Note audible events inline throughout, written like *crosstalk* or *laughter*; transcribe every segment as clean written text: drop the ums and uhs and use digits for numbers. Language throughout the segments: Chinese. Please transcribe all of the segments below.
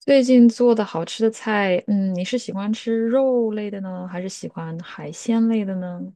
最近做的好吃的菜，嗯，你是喜欢吃肉类的呢，还是喜欢海鲜类的呢，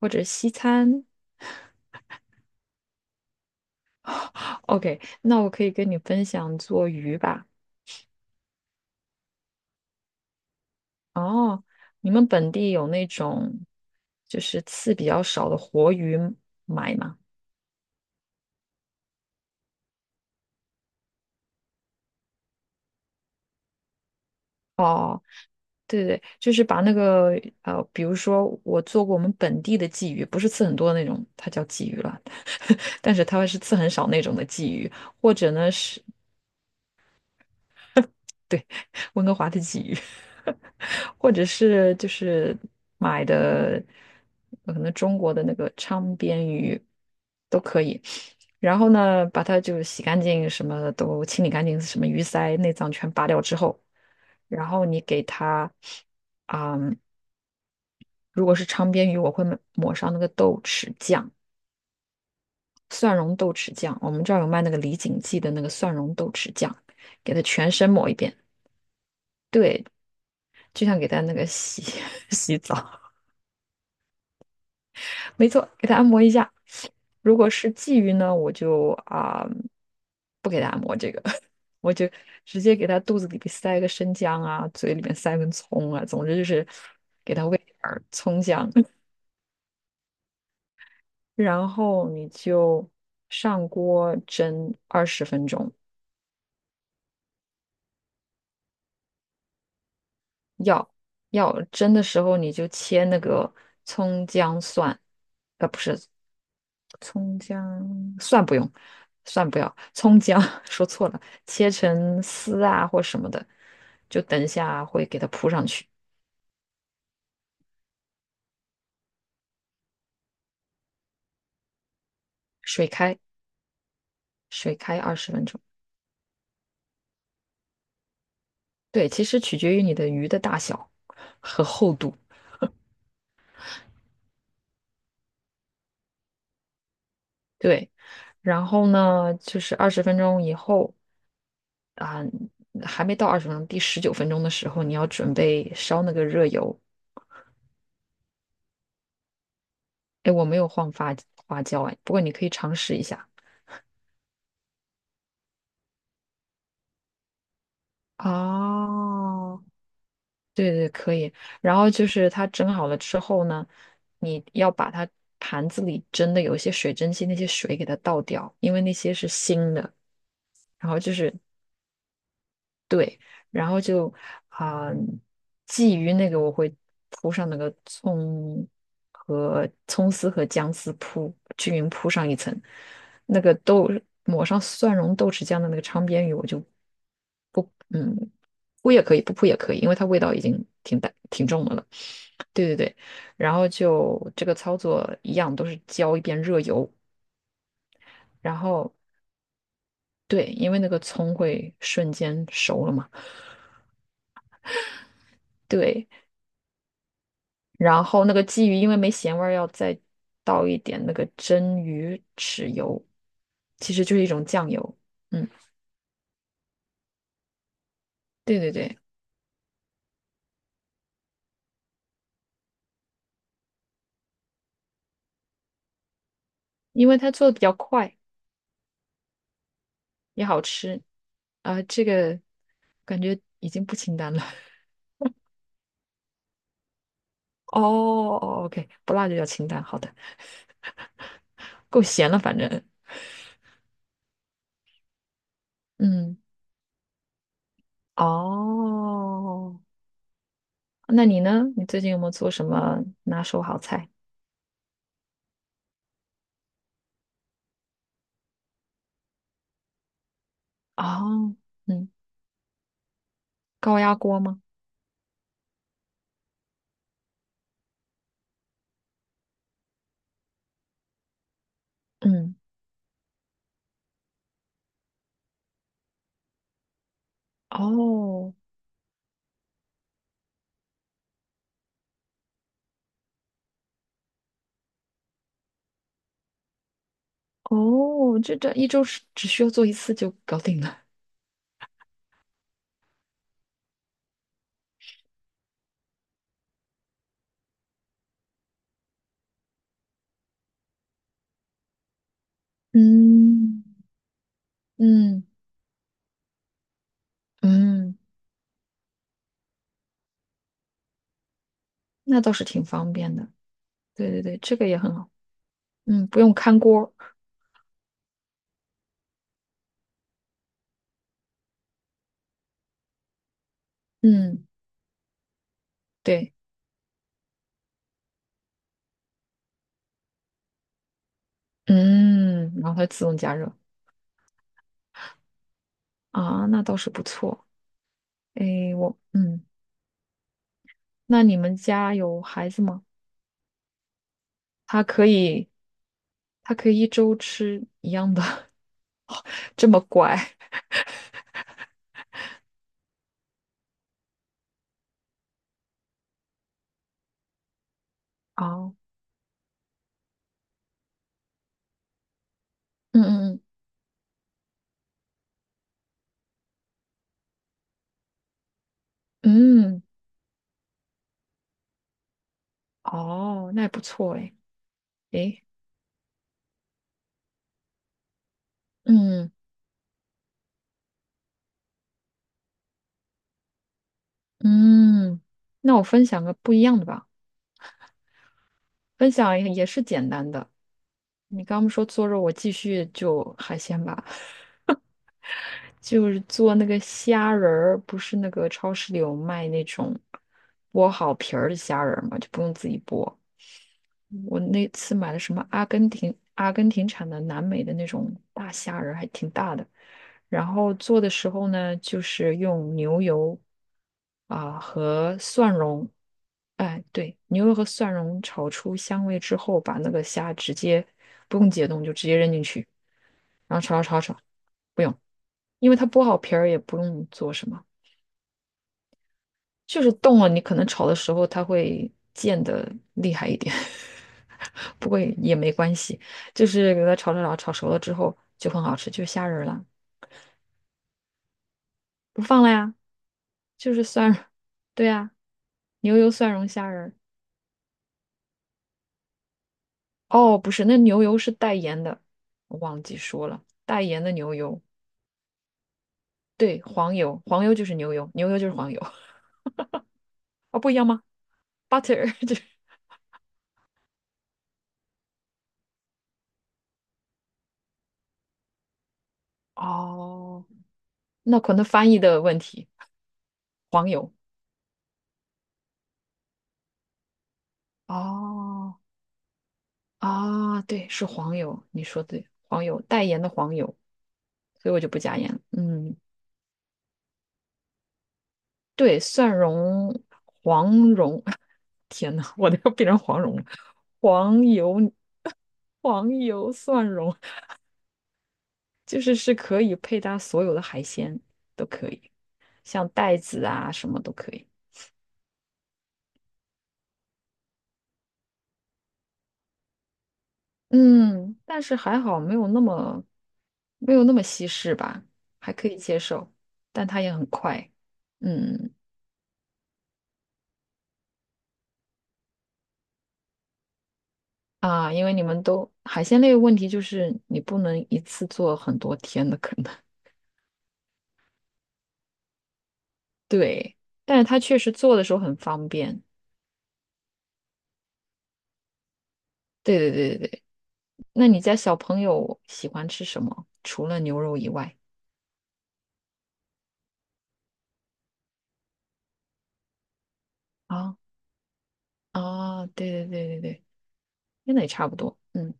或者西餐？OK，那我可以跟你分享做鱼吧。哦，你们本地有那种就是刺比较少的活鱼买吗？哦，对对，就是把那个比如说我做过我们本地的鲫鱼，不是刺很多的那种，它叫鲫鱼了，*laughs* 但是它是刺很少那种的鲫鱼，或者呢是对，温哥华的鲫鱼，*laughs* 或者是就是买的，可能中国的那个昌边鱼都可以。然后呢，把它就洗干净，什么都清理干净，什么鱼鳃、内脏全拔掉之后，然后你给它，嗯，如果是昌边鱼，我会抹上那个豆豉酱，蒜蓉豆豉酱，我们这儿有卖那个李锦记的那个蒜蓉豆豉酱，给它全身抹一遍。对，就像给它那个洗 *laughs* 洗澡，没错，给它按摩一下。如果是鲫鱼呢，我就不给它按摩这个，*laughs* 我就直接给它肚子里边塞个生姜啊，嘴里面塞根葱啊，总之就是给它喂点儿葱姜，*laughs* 然后你就上锅蒸二十分钟。要要蒸的时候，你就切那个葱姜蒜，呃，不是葱姜蒜不用，蒜不要，葱姜 *laughs* 说错了，切成丝啊或什么的，就等一下会给它铺上去，水开，水开二十分钟。对，其实取决于你的鱼的大小和厚度。对，然后呢，就是二十分钟以后啊，还没到二十分钟，第19分钟的时候，你要准备烧那个热油。哎，我没有放花椒哎，不过你可以尝试一下。哦，对对，可以。然后就是它蒸好了之后呢，你要把它盘子里蒸的有一些水蒸气，那些水给它倒掉，因为那些是腥的。然后就是对，然后就啊、鲫鱼那个我会铺上那个葱丝和姜丝铺均匀铺上一层，那个豆抹上蒜蓉豆豉酱的那个昌边鱼我就嗯铺也可以，不铺也可以，因为它味道已经挺淡挺重的了。对对对，然后就这个操作一样，都是浇一遍热油，然后对，因为那个葱会瞬间熟了嘛，对，然后那个鲫鱼因为没咸味儿，要再倒一点那个蒸鱼豉油，其实就是一种酱油，嗯，对对对，因为它做的比较快，也好吃啊，这个感觉已经不清淡了，*laughs* 哦哦，OK，不辣就叫清淡，好的，够咸了，反正，嗯，哦。那你呢？你最近有没有做什么拿手好菜？哦，嗯，高压锅吗？嗯，哦，哦，这这一周是只需要做一次就搞定了。嗯嗯嗯，那倒是挺方便的。对对对，这个也很好。嗯，不用看锅。嗯，对，嗯，然后它自动加热啊，那倒是不错。诶，我嗯，那你们家有孩子吗？他可以，他可以一周吃一样的。这么乖。哦，嗯嗯嗯，嗯，哦，那也不错诶，诶，嗯嗯，那我分享个不一样的吧，分享也也是简单的。你刚刚说做肉，我继续就海鲜吧，*laughs* 就是做那个虾仁儿，不是那个超市里有卖那种剥好皮儿的虾仁儿嘛，就不用自己剥，我那次买的什么阿根廷产的南美的那种大虾仁儿，还挺大的。然后做的时候呢，就是用牛油和蒜蓉，哎，对，牛油和蒜蓉炒出香味之后，把那个虾直接不用解冻就直接扔进去，然后炒炒炒炒，不用，因为它剥好皮儿也不用做什么。就是动了，你可能炒的时候它会溅的厉害一点，*laughs* 不过也没关系，就是给它炒炒炒炒熟了之后就很好吃，就是虾仁儿了，不放了呀，就是蒜蓉对呀，牛油蒜蓉虾仁儿。哦，不是，那牛油是带盐的，我忘记说了，带盐的牛油，对，黄油，黄油就是牛油，牛油就是黄油，*laughs* 哦，不一样吗？Butter 就是，哦，那可能翻译的问题，黄油，哦。啊，对，是黄油，你说对，黄油，带盐的黄油，所以我就不加盐了。嗯，对，蒜蓉、黄蓉，*laughs* 天呐，我都要变成黄蓉了，黄油、黄油蒜蓉，就是可以配搭所有的海鲜都可以，像带子啊什么都可以。嗯，但是还好没有那么西式吧，还可以接受，但它也很快。嗯。啊，因为你们都海鲜类的问题就是你不能一次做很多天的，可能 *laughs* 对，但是它确实做的时候很方便。对对对对对，那你家小朋友喜欢吃什么？除了牛肉以外啊啊，对对对对对，那也差不多。嗯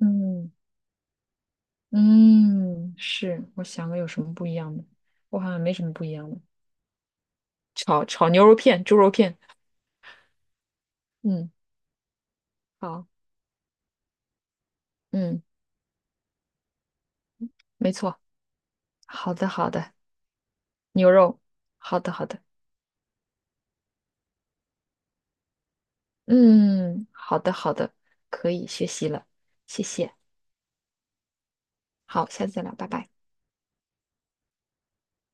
嗯嗯，是，我想个有什么不一样的，我好像没什么不一样的。炒炒牛肉片、猪肉片，嗯，好，嗯，没错，好的好的，牛肉，好的好的。嗯，好的，好的，可以学习了，谢谢。好，下次再聊，拜拜。